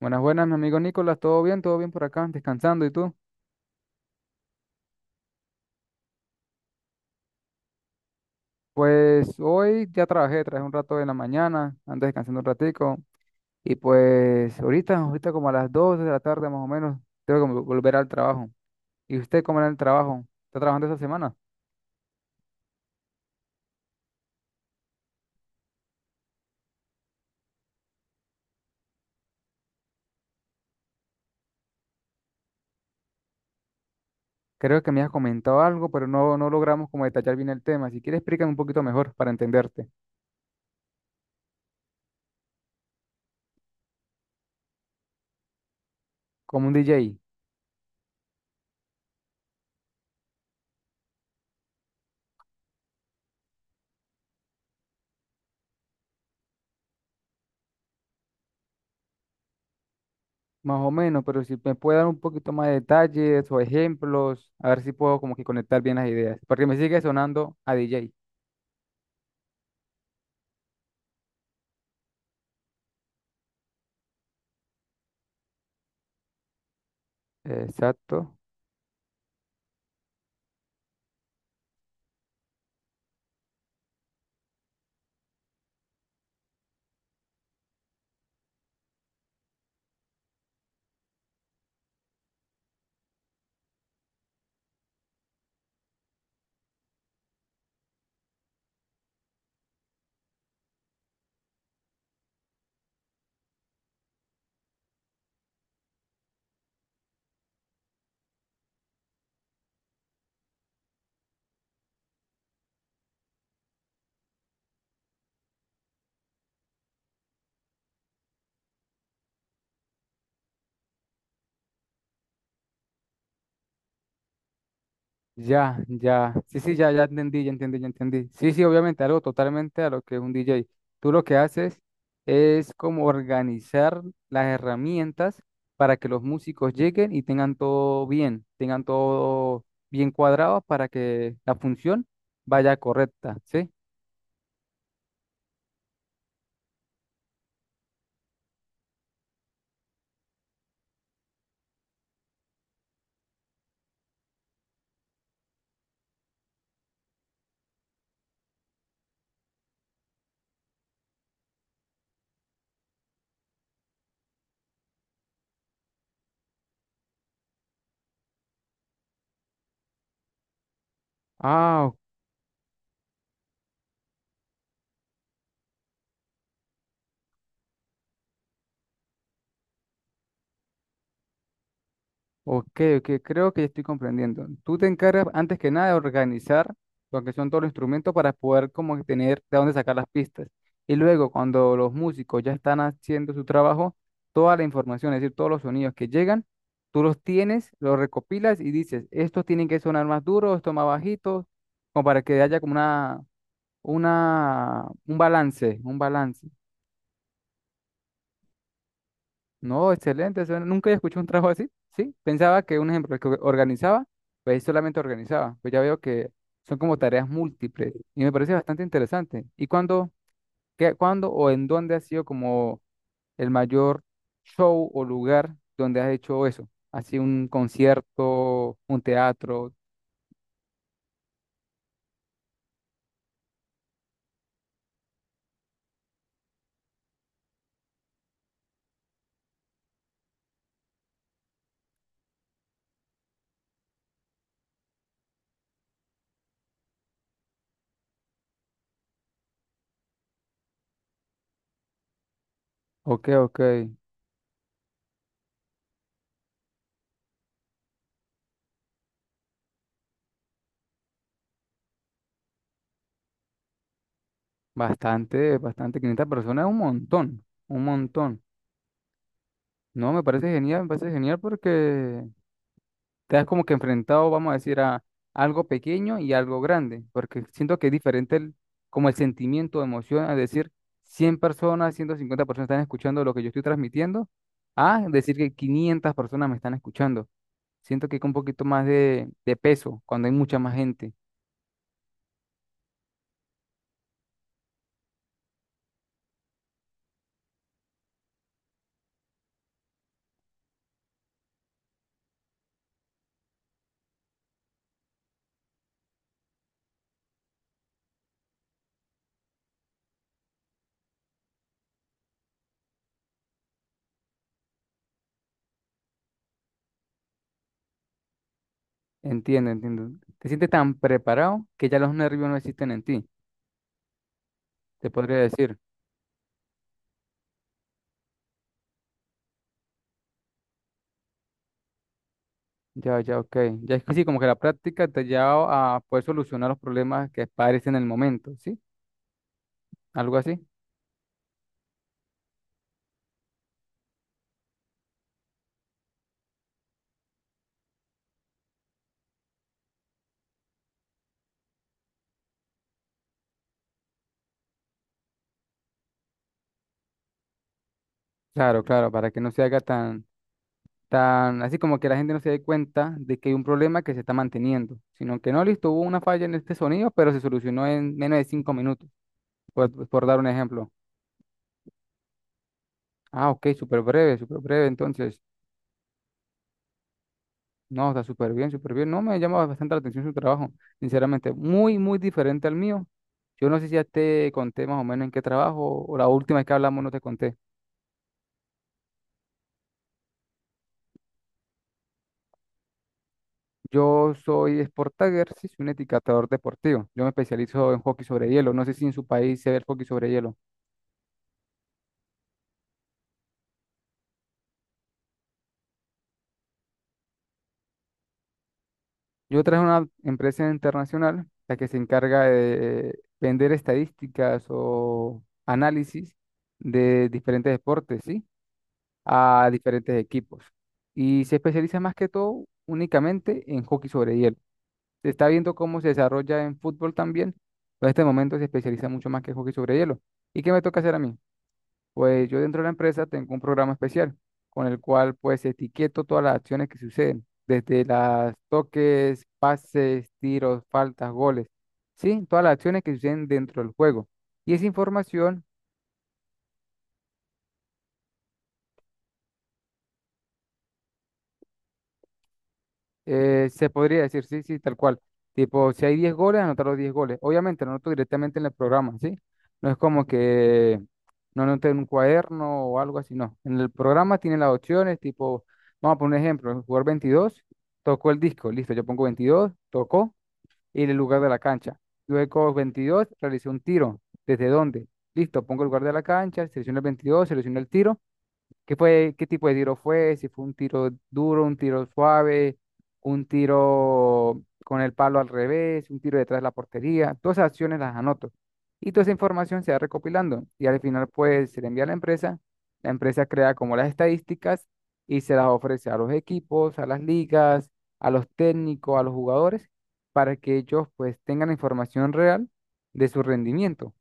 Buenas, buenas, mi amigo Nicolás, ¿todo bien? ¿Todo bien por acá? ¿Descansando y tú? Pues hoy ya trabajé, trabajé un rato en la mañana, antes descansando un ratico, y pues ahorita, ahorita como a las 2 de la tarde más o menos, tengo que volver al trabajo. ¿Y usted cómo era el trabajo? ¿Está trabajando esta semana? Creo que me has comentado algo, pero no, no logramos como detallar bien el tema. Si quieres, explícame un poquito mejor para entenderte, como un DJ, más o menos, pero si me puede dar un poquito más de detalles o ejemplos, a ver si puedo como que conectar bien las ideas, porque me sigue sonando a DJ. Exacto. Ya, ya. Sí, sí, ya, ya entendí, ya entendí, ya entendí. Sí, sí, obviamente, algo totalmente a lo que es un DJ. Tú lo que haces es como organizar las herramientas para que los músicos lleguen y tengan todo bien cuadrado para que la función vaya correcta, ¿sí? Ah, ok, ok, creo que ya estoy comprendiendo. Tú te encargas antes que nada de organizar lo que son todos los instrumentos para poder como que tener de dónde sacar las pistas. Y luego cuando los músicos ya están haciendo su trabajo, toda la información, es decir, todos los sonidos que llegan, tú los tienes, los recopilas y dices, estos tienen que sonar más duros, estos más bajitos, como para que haya como un balance, un balance. No, excelente. Eso nunca había escuchado un trabajo así, ¿sí? Pensaba que un ejemplo, el que organizaba, pues solamente organizaba. Pues ya veo que son como tareas múltiples y me parece bastante interesante. ¿Y cuándo o en dónde ha sido como el mayor show o lugar donde has hecho eso? ¿Así un concierto, un teatro? Ok, ok. Bastante, bastante. 500 personas, es un montón, un montón. No, me parece genial porque te has como que enfrentado, vamos a decir, a algo pequeño y algo grande, porque siento que es diferente el, como el sentimiento, emoción, a decir 100 personas, 150 personas están escuchando lo que yo estoy transmitiendo, a decir que 500 personas me están escuchando. Siento que es un poquito más de peso cuando hay mucha más gente. Entiendo, entiendo. Te sientes tan preparado que ya los nervios no existen en ti, te podría decir. Ya, ya, ok. Ya es que sí, como que la práctica te ha llevado a poder solucionar los problemas que aparecen en el momento, ¿sí? Algo así. Claro, claro, para que no se haga tan, así como que la gente no se dé cuenta de que hay un problema que se está manteniendo, sino que no, listo, hubo una falla en este sonido, pero se solucionó en menos de 5 minutos, por dar un ejemplo. Ah, ok, súper breve, entonces, no, está súper bien, súper bien. No, me llama bastante la atención su trabajo, sinceramente, muy, muy diferente al mío. Yo no sé si ya te conté más o menos en qué trabajo, o la última vez que hablamos no te conté. Yo soy Sport Tagger, sí, soy un etiquetador deportivo. Yo me especializo en hockey sobre hielo. No sé si en su país se ve el hockey sobre hielo. Yo traje una empresa internacional, la que se encarga de vender estadísticas o análisis de diferentes deportes, ¿sí? A diferentes equipos. Y se especializa más que todo únicamente en hockey sobre hielo. Se está viendo cómo se desarrolla en fútbol también, pero en este momento se especializa mucho más que hockey sobre hielo. ¿Y qué me toca hacer a mí? Pues yo dentro de la empresa tengo un programa especial con el cual pues etiqueto todas las acciones que suceden, desde las toques, pases, tiros, faltas, goles, sí, todas las acciones que suceden dentro del juego. Y esa información. Se podría decir, sí, sí, tal cual. Tipo, si hay 10 goles, anotar los 10 goles. Obviamente, no anoto directamente en el programa, ¿sí? No es como que no anoté en un cuaderno o algo así, no. En el programa tienen las opciones, tipo, vamos a poner un ejemplo, el jugador 22 tocó el disco, listo, yo pongo 22 tocó, y el lugar de la cancha. Luego 22 realicé un tiro, ¿desde dónde? Listo, pongo el lugar de la cancha, selecciono el 22, selecciono el tiro. ¿Qué fue, qué tipo de tiro fue? Si fue un tiro duro, un tiro suave, un tiro con el palo al revés, un tiro detrás de la portería. Todas esas acciones las anoto. Y toda esa información se va recopilando. Y al final, pues, se le envía a la empresa. La empresa crea como las estadísticas y se las ofrece a los equipos, a las ligas, a los técnicos, a los jugadores, para que ellos, pues, tengan información real de su rendimiento.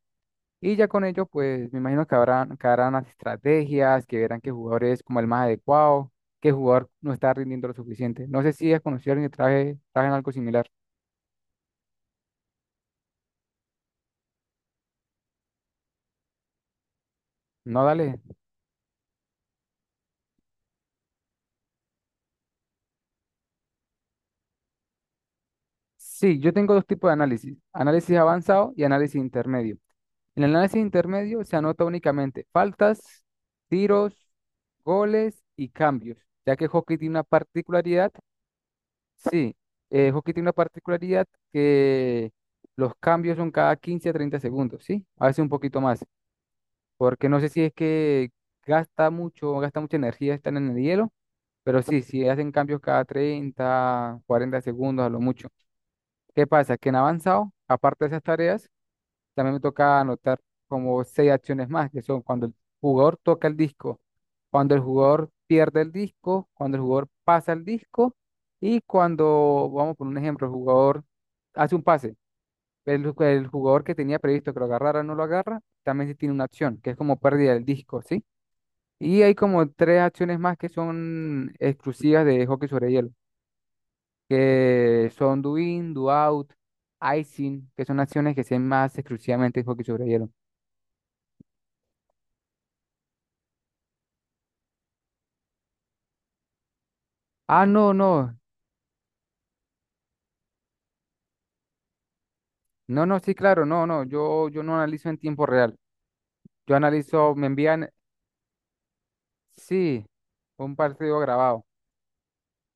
Y ya con ello, pues me imagino que que harán las estrategias, que verán qué jugador es como el más adecuado, qué jugador no está rindiendo lo suficiente. No sé si has conocido a alguien que traje en algo similar. No, dale. Sí, yo tengo dos tipos de análisis, análisis avanzado y análisis intermedio. En el análisis intermedio se anota únicamente faltas, tiros, goles y cambios, ya que el hockey tiene una particularidad. Sí, hockey tiene una particularidad que los cambios son cada 15 a 30 segundos, ¿sí? A veces un poquito más, porque no sé si es que gasta mucha energía estar en el hielo, pero sí, sí hacen cambios cada 30, 40 segundos a lo mucho. ¿Qué pasa? Que en avanzado, aparte de esas tareas, también me toca anotar como seis acciones más, que son cuando el jugador toca el disco, cuando el jugador pierde el disco, cuando el jugador pasa el disco y cuando, vamos por un ejemplo, el jugador hace un pase. El jugador que tenía previsto que lo agarrara no lo agarra, también sí tiene una acción, que es como pérdida del disco, ¿sí? Y hay como tres acciones más que son exclusivas de hockey sobre hielo, que son do in, do out, icing, que son acciones que se hacen más exclusivamente en hockey sobre hielo. Ah, no, no, no, no, sí, claro, no, no, yo no analizo en tiempo real. Yo analizo, me envían, sí, un partido grabado,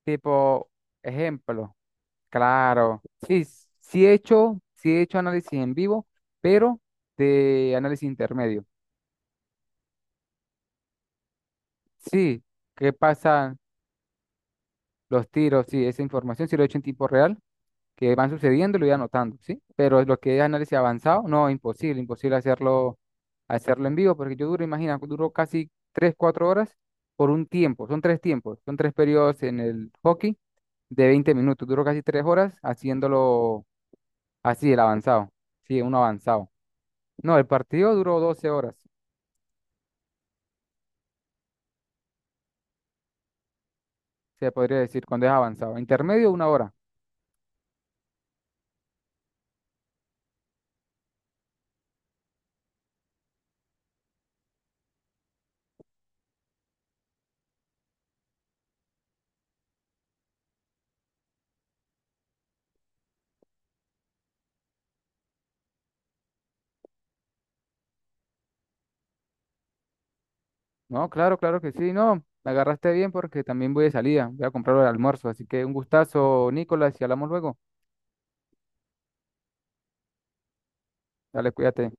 tipo, ejemplo, claro, sí, sí he hecho análisis en vivo, pero de análisis intermedio. Sí, qué pasan los tiros, sí, esa información sí lo he hecho en tiempo real, que van sucediendo lo voy anotando, ¿sí? Pero lo que es análisis avanzado, no, imposible, imposible hacerlo, hacerlo en vivo, porque yo duro, imagina, duro casi 3 4 horas por un tiempo, son tres tiempos, son tres periodos en el hockey de 20 minutos, duro casi 3 horas haciéndolo así, el avanzado, sí, uno avanzado. No, el partido duró 12 horas, se podría decir, cuando es avanzado. Intermedio, una hora. No, claro, claro que sí, no. La agarraste bien porque también voy de salida. Voy a comprar el almuerzo. Así que un gustazo, Nicolás, y hablamos luego. Dale, cuídate.